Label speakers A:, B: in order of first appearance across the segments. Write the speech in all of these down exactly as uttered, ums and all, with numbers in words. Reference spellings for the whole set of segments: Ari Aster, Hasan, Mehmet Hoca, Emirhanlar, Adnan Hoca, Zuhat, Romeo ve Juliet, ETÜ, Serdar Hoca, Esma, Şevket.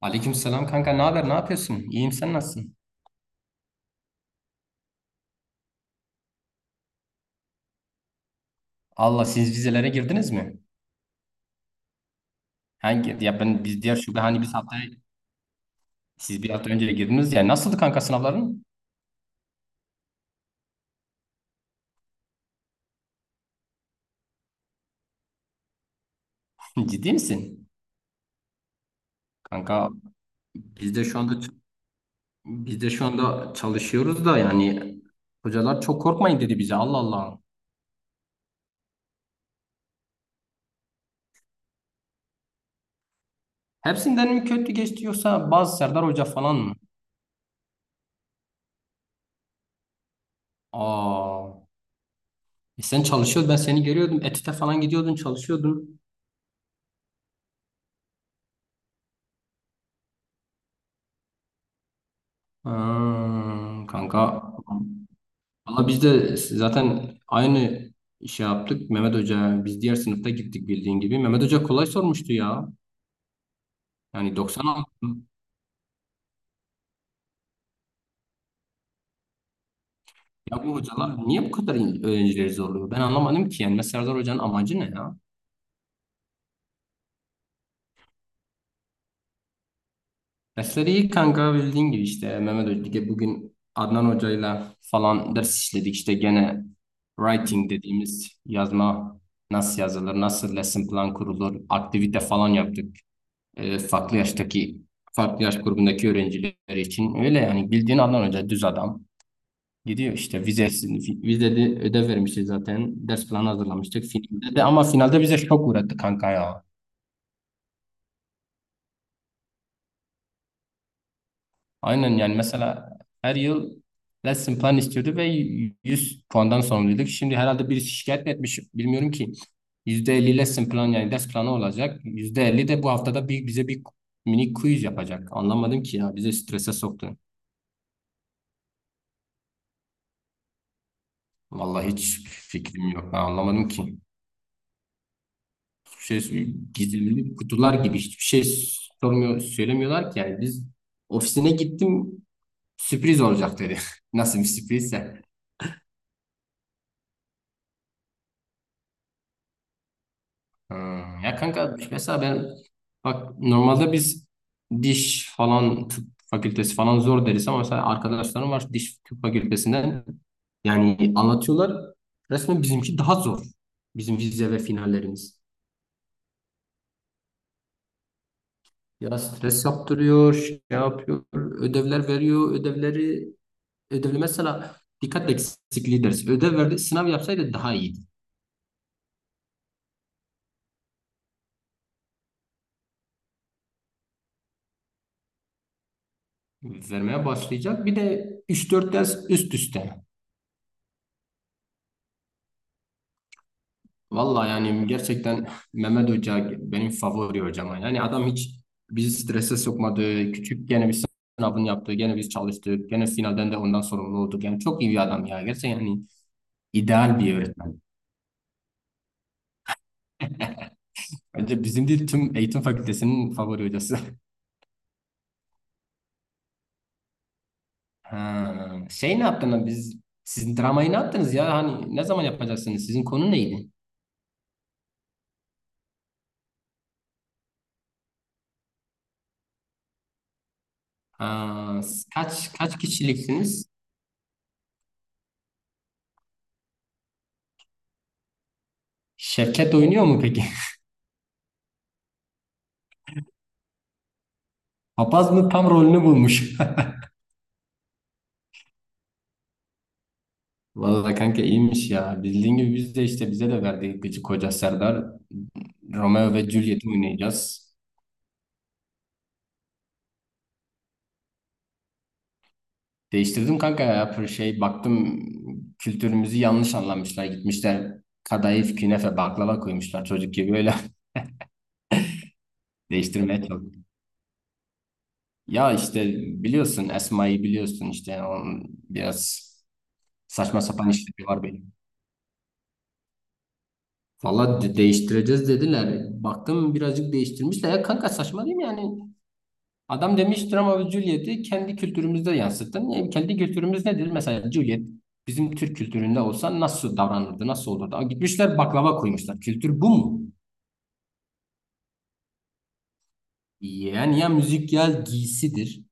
A: Aleykümselam kanka, ne haber, ne yapıyorsun? İyiyim, sen nasılsın? Allah, siz vizelere girdiniz mi? Hangi ya, ben biz diğer şube hani biz haftaya siz bir hafta önce de girdiniz ya, nasıldı kanka sınavların? Ciddi misin? Kanka biz de şu anda biz de şu anda çalışıyoruz da, yani hocalar çok korkmayın dedi bize. Allah Allah. Hepsinden mi kötü geçti, yoksa bazı Serdar Hoca falan mı? Aa, e sen çalışıyordun, ben seni görüyordum. ETÜ'de falan gidiyordun, çalışıyordun. Ha, kanka, valla biz de zaten aynı işi yaptık Mehmet Hoca. Biz diğer sınıfta gittik bildiğin gibi. Mehmet Hoca kolay sormuştu ya. Yani doksan aldım. Ya bu hocalar niye bu kadar in- öğrencileri zorluyor? Ben anlamadım ki. Yani mesela Serdar Hoca'nın amacı ne ya? Dersleri iyi kanka, bildiğin gibi işte Mehmet Hoca. Bugün Adnan Hoca'yla falan ders işledik. İşte gene writing dediğimiz yazma, nasıl yazılır, nasıl lesson plan kurulur, aktivite falan yaptık. E, farklı yaştaki farklı yaş grubundaki öğrenciler için, öyle yani. Bildiğin adam önce düz adam gidiyor işte. Vizesini fi- vizede ödev vermişiz zaten, ders planı hazırlamıştık finalde de, ama finalde bize şok uğrattı kanka ya. Aynen, yani mesela her yıl lesson plan istiyordu ve yüz puandan sorumluyduk. Şimdi herhalde birisi şikayet mi etmiş bilmiyorum ki, yüzde elli lesson plan yani ders planı olacak, yüzde elli de bu haftada bir, bize bir mini quiz yapacak. Anlamadım ki ya, bize strese soktu. Vallahi hiç fikrim yok. Ben anlamadım ki. Şey, gizemli kutular gibi hiçbir şey sormuyor, söylemiyorlar ki. Yani biz, ofisine gittim, sürpriz olacak dedi. Nasıl bir sürprizse. Ha, ya kanka mesela ben, bak normalde biz diş falan, tıp fakültesi falan zor deriz ama mesela arkadaşlarım var diş tıp fakültesinden, yani anlatıyorlar, resmen bizimki daha zor. Bizim vize ve finallerimiz. Ya stres yaptırıyor, şey yapıyor, ödevler veriyor, ödevleri, ödevli mesela dikkat eksikliği dersi. Ödev verdi, sınav yapsaydı daha iyiydi. Vermeye başlayacak. Bir de üç dört ders üst üste. Vallahi yani gerçekten Mehmet Hoca benim favori hocam. Yani adam hiç bizi strese sokmadı. Küçük gene bir sınavını yaptı, gene biz çalıştık, gene finalden de ondan sorumlu olduk. Yani çok iyi bir adam ya. Gerçekten yani, ideal bir öğretmen. Bence bizim değil, tüm eğitim fakültesinin favori hocası. Ha, şey, ne yaptınız, biz sizin dramayı ne yaptınız ya, hani ne zaman yapacaksınız, sizin konu neydi? Ha, s- kaç kaç kişiliksiniz? Şevket oynuyor mu peki? Papaz mı, tam rolünü bulmuş. Vallahi kanka iyiymiş ya. Bildiğin gibi biz de işte, bize de verdiği gıcık koca Serdar, Romeo ve Juliet'i oynayacağız. Değiştirdim kanka ya, bir şey baktım, kültürümüzü yanlış anlamışlar, gitmişler kadayıf, künefe, baklava koymuşlar çocuk gibi öyle. Değiştirmeye, ya işte biliyorsun Esma'yı, biliyorsun işte onun biraz saçma sapan işleri var benim. Valla de- değiştireceğiz dediler. Baktım birazcık değiştirmişler. Ya kanka saçma değil mi yani? Adam demiş drama ve Juliet'i kendi kültürümüzde yansıttın. E, kendi kültürümüz nedir? Mesela Juliet bizim Türk kültüründe olsa nasıl davranırdı, nasıl olurdu? Aa, gitmişler baklava koymuşlar. Kültür bu mu? Yani ya müzik, ya giysidir.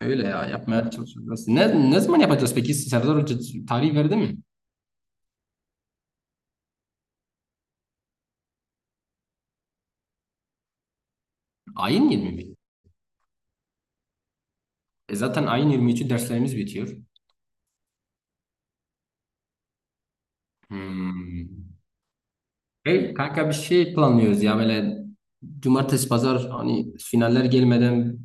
A: Öyle ya, yapmaya çalışıyoruz. Ne, ne zaman yapacağız peki? Serdar Hoca tarih verdi mi? Ayin yirmi mi? E zaten ayın yirmi üçü derslerimiz bitiyor. Hmm. Hey kanka bir şey planlıyoruz ya, böyle cumartesi pazar hani finaller gelmeden,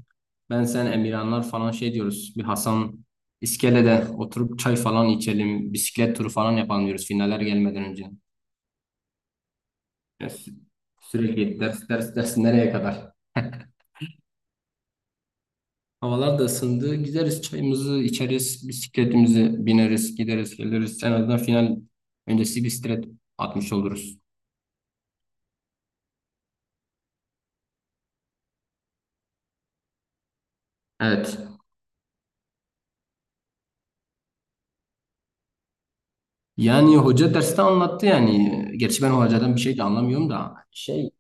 A: ben, sen, Emirhanlar falan şey diyoruz. Bir Hasan iskelede oturup çay falan içelim, bisiklet turu falan yapalım diyoruz finaller gelmeden önce. Ya sü- sürekli ders ders ders, nereye kadar? Havalar da ısındı. Gideriz, çayımızı içeriz. Bisikletimizi bineriz, gideriz geliriz. En azından final öncesi bir stres atmış oluruz. Evet. Yani hoca derste anlattı yani. Gerçi ben hocadan bir şey de anlamıyorum da. Şey,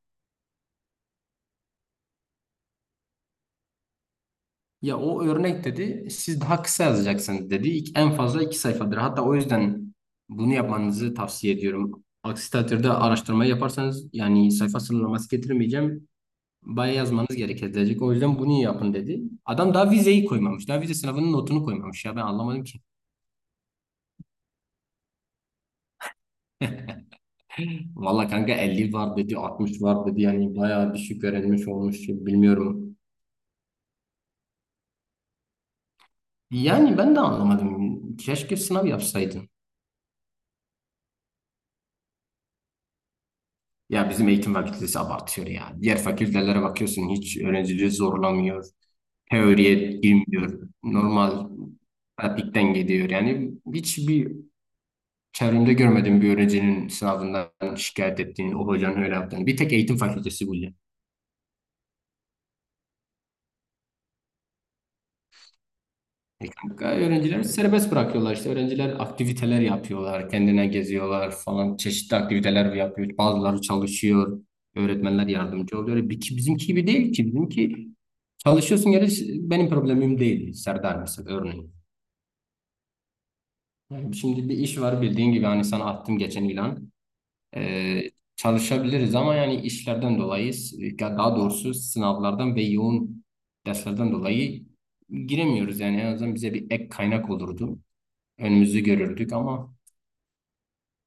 A: ya o örnek dedi, siz daha kısa yazacaksınız dedi. İk- En fazla iki sayfadır. Hatta o yüzden bunu yapmanızı tavsiye ediyorum. Aksi takdirde araştırmayı yaparsanız yani, sayfa sınırlaması getirmeyeceğim. Bayağı yazmanız gerekecek. O yüzden bunu yapın dedi. Adam daha vizeyi koymamış. Daha vize sınavının notunu koymamış ya, ben anlamadım ki. Valla kanka elli var dedi, altmış var dedi. Yani bayağı düşük öğrenmiş olmuş. Bilmiyorum. Yani ben de anlamadım. Keşke sınav yapsaydın. Ya bizim eğitim fakültesi abartıyor ya. Diğer fakültelere bakıyorsun, hiç öğrencileri zorlamıyor. Teoriye girmiyor. Normal pratikten gidiyor. Yani hiçbir çevremde görmedim bir öğrencinin sınavından şikayet ettiğini, o hocanın öyle yaptığını. Bir tek eğitim fakültesi bu. E kanka öğrencileri serbest bırakıyorlar işte. Öğrenciler aktiviteler yapıyorlar. Kendine geziyorlar falan. Çeşitli aktiviteler yapıyor. Bazıları çalışıyor. Öğretmenler yardımcı oluyor. Bir- ki- Bizimki gibi değil ki. Bizimki çalışıyorsun yani, benim problemim değil. Serdar mesela örneğin. Yani şimdi bir iş var bildiğin gibi, hani sana attım geçen ilan. Ee, çalışabiliriz ama yani işlerden dolayı, ya daha doğrusu sınavlardan ve yoğun derslerden dolayı giremiyoruz. Yani en azından bize bir ek kaynak olurdu, önümüzü görürdük ama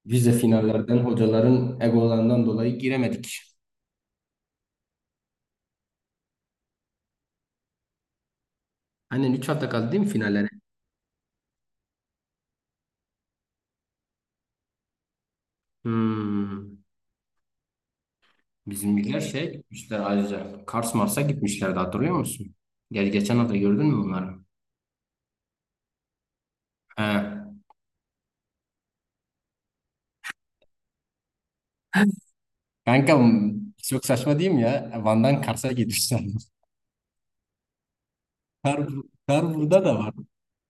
A: vize finallerden, hocaların egolarından dolayı giremedik. Aynen, üç hafta kaldı değil mi finallere? Hmm. Bizimkiler şey gitmişler ayrıca. Kars Mars'a gitmişlerdi hatırlıyor musun? Gel geçen hafta gördün mü bunları? He. Kanka çok saçma değil mi ya? Van'dan Kars'a gitmişler. Kar, kar burada da var.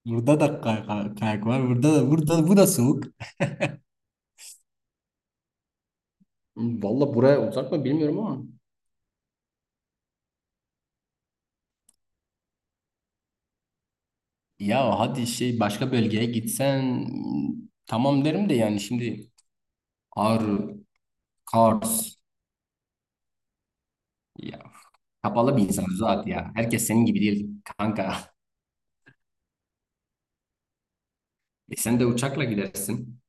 A: Burada da kay- kay- kayak var. Burada da, burada bu da soğuk. Valla buraya uzak mı bilmiyorum ama, ya hadi şey başka bölgeye gitsen, mm, tamam derim de yani şimdi Ağrı, Kars ya, kapalı bir insan zaten ya. Herkes senin gibi değil kanka. E sen de uçakla gidersin.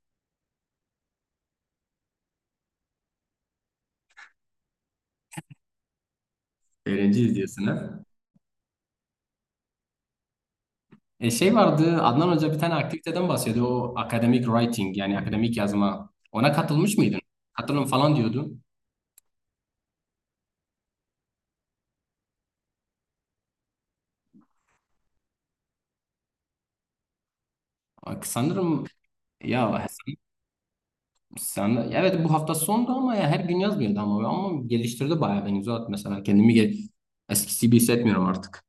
A: Öğrenciyiz diyorsun, ha. E şey vardı, Adnan Hoca bir tane aktiviteden bahsediyordu. O academic writing yani akademik yazma. Ona katılmış mıydın? Katılın falan diyordu. Sanırım ya, sen de, evet bu hafta sondu ama ya her gün yazmıyordu, ama ama geliştirdi bayağı beni Zuhat, mesela kendimi gel eskisi gibi hissetmiyorum artık.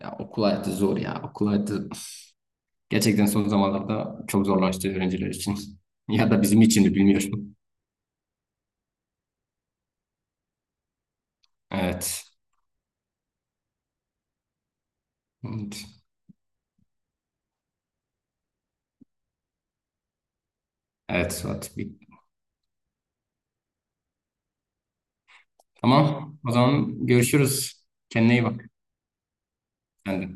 A: Ya okul hayatı zor ya, okul hayatı gerçekten son zamanlarda çok zorlaştı öğrenciler için. Ya da bizim için de bilmiyorum. Evet. Evet, evet Zuhat. Tamam, o zaman görüşürüz. Kendine iyi bak. Sen de.